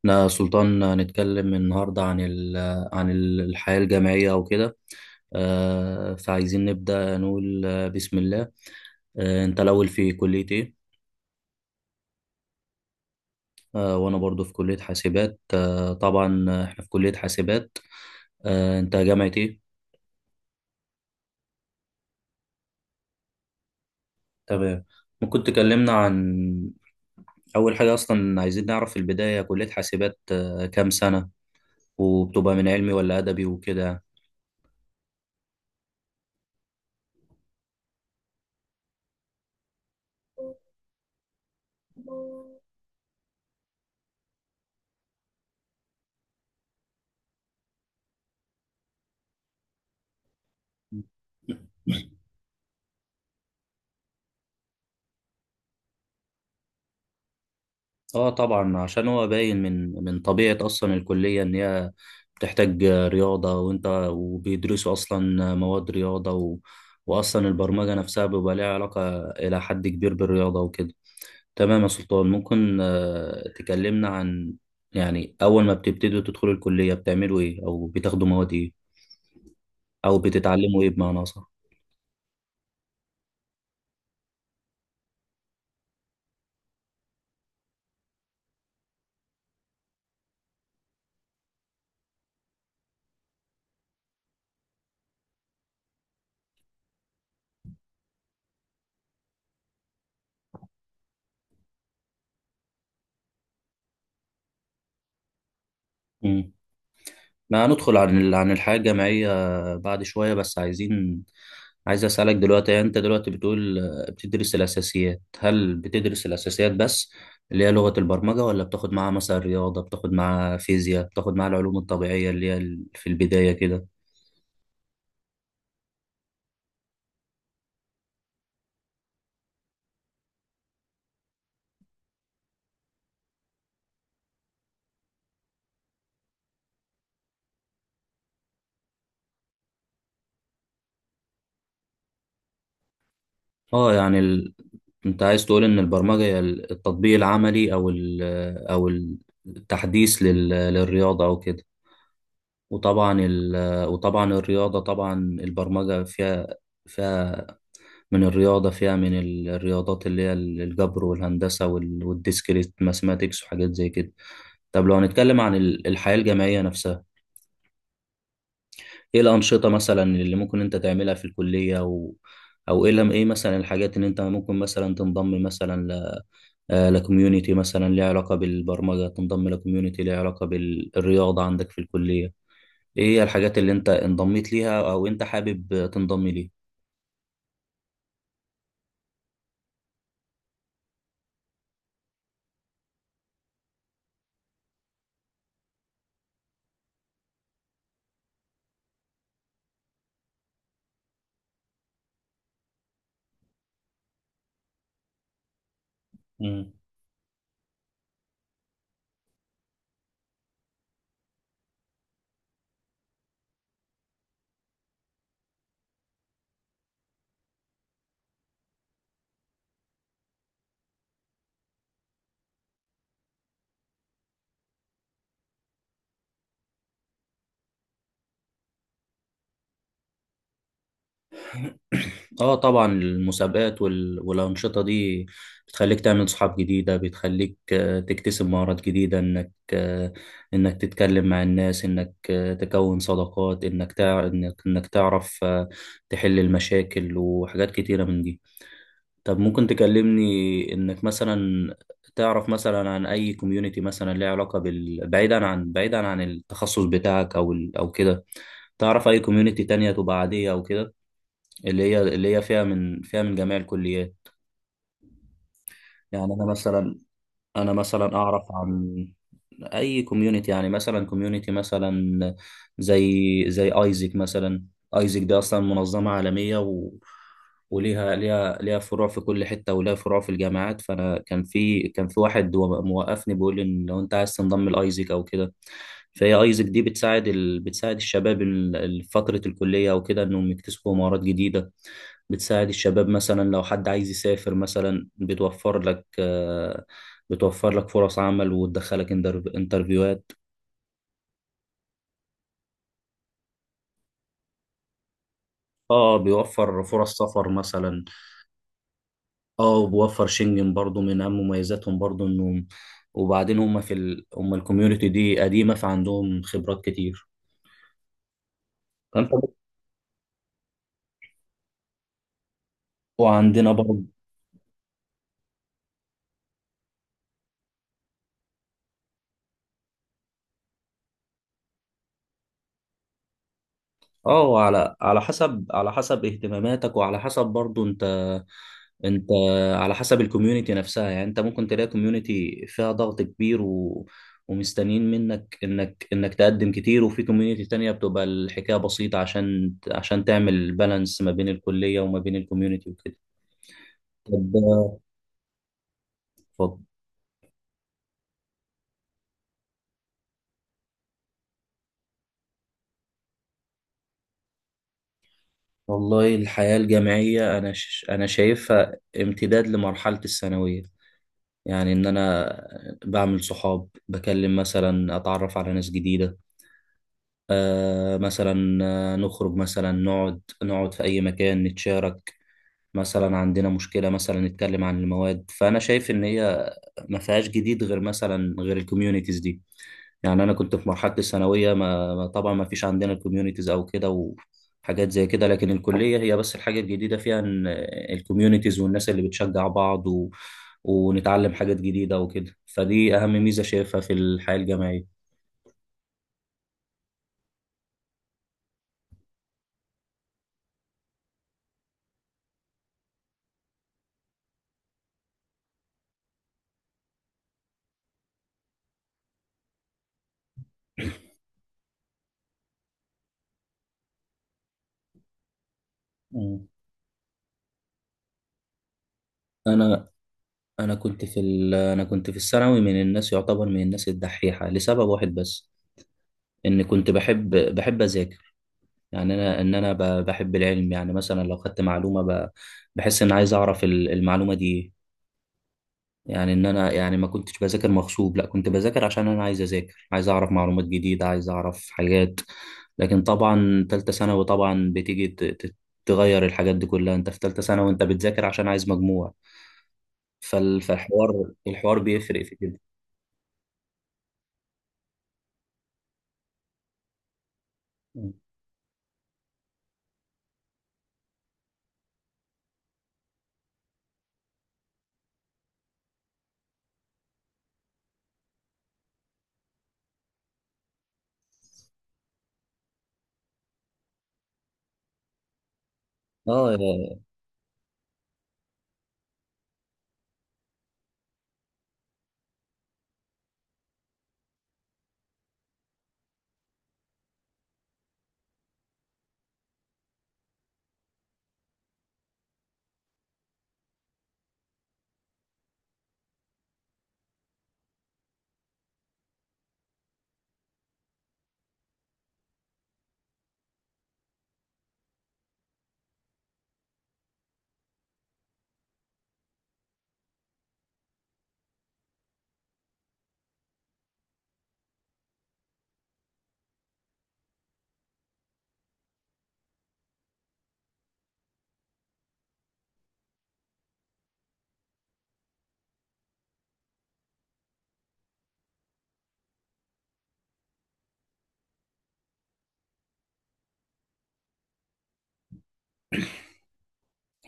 احنا سلطان هنتكلم النهاردة عن الحياة الجامعية وكده. فعايزين نبدأ نقول بسم الله. انت الأول في كلية ايه؟ وانا برضو في كلية حاسبات، طبعا، احنا في كلية حاسبات. انت جامعة ايه؟ تمام. ممكن تكلمنا عن أول حاجة، أصلا عايزين نعرف في البداية كلية حاسبات كام سنة، وبتبقى من علمي ولا أدبي وكده يعني. اه طبعا، عشان هو باين من طبيعة اصلا الكلية ان هي بتحتاج رياضة، وبيدرسوا اصلا مواد رياضة واصلا البرمجة نفسها بيبقى ليها علاقة الى حد كبير بالرياضة وكده. تمام يا سلطان، ممكن تكلمنا عن، يعني اول ما بتبتدوا تدخلوا الكلية بتعملوا ايه، او بتاخدوا مواد ايه، او بتتعلموا ايه بمعنى اصح؟ ما هندخل عن الحياة الجامعية بعد شوية، بس عايزين، عايز أسألك دلوقتي، يعني أنت دلوقتي بتقول بتدرس الأساسيات. هل بتدرس الأساسيات بس اللي هي لغة البرمجة، ولا بتاخد معاها مثلا رياضة، بتاخد معاها فيزياء، بتاخد معاها العلوم الطبيعية اللي هي في البداية كده؟ اه يعني أنت عايز تقول إن البرمجة هي التطبيق العملي، أو التحديث للرياضة أو كده. وطبعا ال... وطبعا الرياضة، طبعا البرمجة فيها من الرياضة، فيها من الرياضات اللي هي الجبر والهندسة وال- والديسكريت ماثماتيكس وحاجات زي كده. طب لو هنتكلم عن الحياة الجامعية نفسها، ايه الأنشطة مثلا اللي ممكن انت تعملها في الكلية، او ايه لم- ايه مثلا الحاجات اللي انت ممكن مثلا تنضم مثلا ل آه، لكوميونيتي مثلا ليها علاقة بالبرمجة، تنضم لكوميونيتي ليها علاقة بالرياضة عندك في الكلية؟ ايه هي الحاجات اللي انت انضميت ليها او انت حابب تنضم ليها؟ اه طبعا المسابقات وال... والأنشطة دي بتخليك تعمل صحاب جديدة، بتخليك تكتسب مهارات جديدة، انك تتكلم مع الناس، انك آه، تكون صداقات، انك تع... انك انك تعرف تحل المشاكل وحاجات كتيرة من دي. طب ممكن تكلمني انك مثلا تعرف مثلا عن اي كوميونتي مثلا ليها علاقة بعيدا عن التخصص بتاعك، او كده. تعرف اي كوميونتي تانية تبقى عادية او كده، اللي هي فيها من جميع الكليات؟ يعني انا مثلا اعرف عن اي كوميونتي، يعني مثلا كوميونتي مثلا زي ايزك مثلا. ايزك دي اصلا منظمه عالميه، و... وليها ليها ليها فروع في كل حته، وليها فروع في الجامعات. فانا كان في واحد هو موقفني بيقول لي ان لو انت عايز تنضم لايزك او كده. فهي ايزك دي بتساعد الشباب فتره الكليه او كده انهم يكتسبوا مهارات جديده. بتساعد الشباب، مثلا لو حد عايز يسافر مثلا بتوفر لك فرص عمل، وتدخلك انترفيوهات. اه، بيوفر فرص سفر مثلا. اه، وبيوفر شنجن برضو. من اهم مميزاتهم برضو انهم، وبعدين هم الكوميونتي دي قديمة فعندهم خبرات كتير، فانت. وعندنا برضو. اه، على حسب اهتماماتك، وعلى حسب برضو انت على حسب الكوميونتي نفسها. يعني انت ممكن تلاقي كوميونتي فيها ضغط كبير و... ومستنيين منك انك تقدم كتير، وفي كوميونتي تانية بتبقى الحكاية بسيطة، عشان تعمل بالانس ما بين الكلية وما بين الكوميونتي وكده. طب، اتفضل. والله الحياة الجامعية انا شايفها امتداد لمرحلة الثانوية. يعني ان انا بعمل صحاب، بكلم مثلا، اتعرف على ناس جديدة، مثلا، نخرج مثلا نقعد في أي مكان، نتشارك مثلا عندنا مشكلة، مثلا نتكلم عن المواد. فأنا شايف إن هي ما فيهاش جديد غير الكوميونيتيز دي. يعني أنا كنت في مرحلة الثانوية، طبعا ما فيش عندنا الكوميونيتيز أو كده وحاجات زي كده، لكن الكلية هي بس الحاجة الجديدة فيها إن الكوميونيتيز والناس اللي بتشجع بعض و... ونتعلم حاجات جديدة وكده، فدي أهم ميزة شايفها في الحياة الجامعية. مم. أنا انا كنت في ال... انا كنت في الثانوي من الناس، يعتبر من الناس الدحيحه لسبب واحد بس، ان كنت بحب اذاكر. يعني انا بحب العلم، يعني مثلا لو خدت معلومه بحس ان عايز اعرف المعلومه دي إيه. يعني ان انا، يعني ما كنتش بذاكر مغصوب، لا كنت بذاكر عشان انا عايز اذاكر، عايز اعرف معلومات جديده، عايز اعرف حاجات. لكن طبعا تالتة ثانوي طبعا بتيجي تغير الحاجات دي كلها، انت في تالتة ثانوي وانت بتذاكر عشان عايز مجموع. فالحوار بيفرق في كده. اه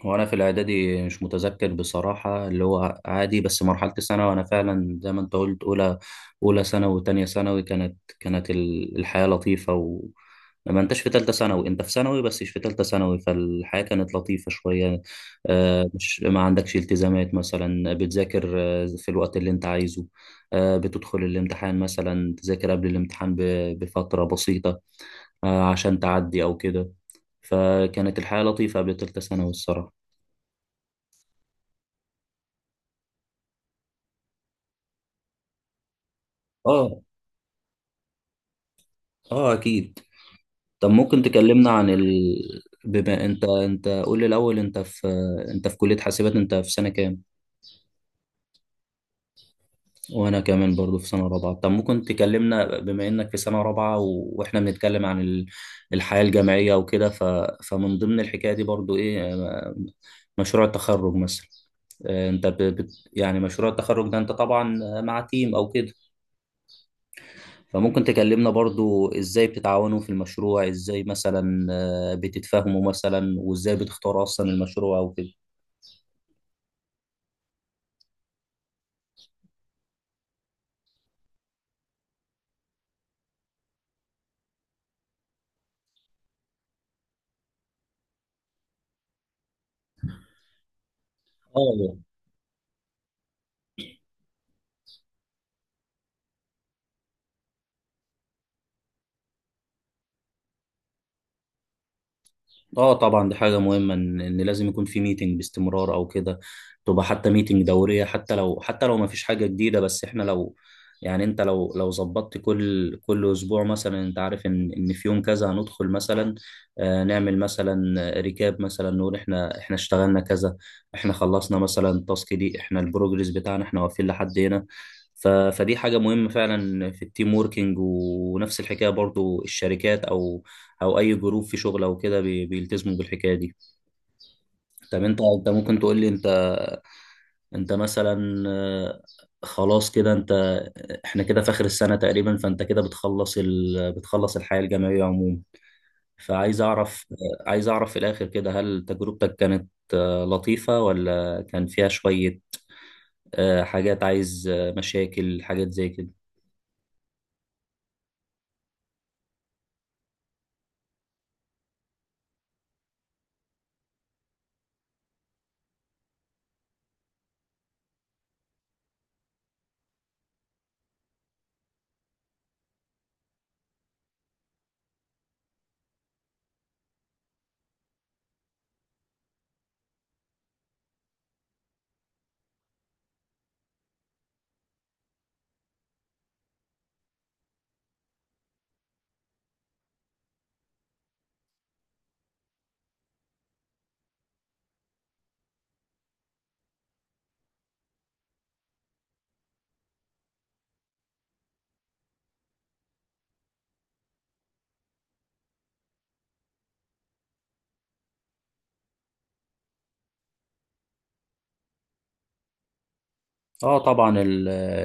وانا في الاعدادي مش متذكر بصراحه، اللي هو عادي، بس مرحله الثانوي وانا فعلا زي ما انت قلت. اولى ثانوي وتانية ثانوي كانت الحياه لطيفه، ما انتش في ثالثه ثانوي، انت في ثانوي بس مش في ثالثه ثانوي، فالحياه كانت لطيفه شويه. مش ما عندكش التزامات، مثلا بتذاكر في الوقت اللي انت عايزه، بتدخل الامتحان، مثلا تذاكر قبل الامتحان بفتره بسيطه عشان تعدي أو كده. فكانت الحياة لطيفة قبل تالتة ثانوي الصراحة. اه اه أكيد. طب ممكن تكلمنا بما انت قول لي الاول، انت في كلية حاسبات، انت في سنة كام؟ وانا كمان برضو في سنة رابعة. طب ممكن تكلمنا بما انك في سنة رابعة و... واحنا بنتكلم عن الحياة الجامعية وكده، فمن ضمن الحكاية دي برضو ايه، مشروع التخرج مثلا. انت يعني مشروع التخرج ده انت طبعا مع تيم او كده، فممكن تكلمنا برضو ازاي بتتعاونوا في المشروع، ازاي مثلا بتتفاهموا مثلا، وازاي بتختاروا اصلا المشروع او كده. اه اه طبعا دي حاجة مهمة، إن لازم يكون في ميتنج باستمرار او كده، تبقى حتى ميتنج دورية، حتى لو ما فيش حاجة جديدة. بس احنا لو، يعني انت لو ظبطت كل اسبوع مثلا، انت عارف ان في يوم كذا هندخل مثلا نعمل مثلا ريكاب، مثلا نقول احنا اشتغلنا كذا، احنا خلصنا مثلا التاسك دي، احنا البروجرس بتاعنا احنا واقفين لحد هنا. فدي حاجة مهمة فعلا في التيم ووركينج، ونفس الحكاية برضو الشركات او اي جروب في شغل او كده بيلتزموا بالحكايه دي. طب انت ممكن تقول لي، انت مثلا خلاص كده، احنا كده في اخر السنه تقريبا، فانت كده بتخلص الحياه الجامعيه عموما. فعايز اعرف آه، عايز اعرف في الاخر كده، هل تجربتك كانت لطيفه، ولا كان فيها شويه حاجات، عايز مشاكل، حاجات زي كده؟ اه طبعا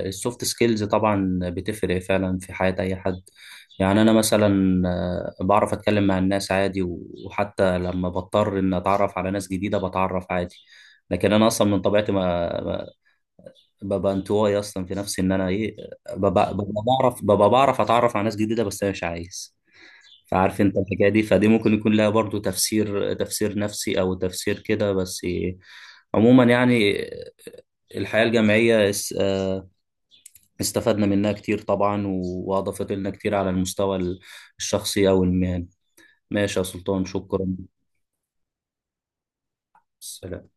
السوفت سكيلز طبعا بتفرق فعلا في حياة اي حد. يعني انا مثلا بعرف اتكلم مع الناس عادي، و- وحتى لما بضطر ان اتعرف على ناس جديدة بتعرف عادي. لكن انا اصلا من طبيعتي ما- ببقى انطوائي، اصلا في نفسي ان انا ايه، ببقى بعرف اتعرف على ناس جديدة، بس انا مش عايز. فعارف انت الحكاية دي، فدي ممكن يكون لها برضو تفسير نفسي او تفسير كده بس. عموما يعني الحياة الجامعية استفدنا منها كتير طبعا، و- وأضافت لنا كتير على المستوى الشخصي أو المهني. ماشي يا سلطان، شكرا. سلام.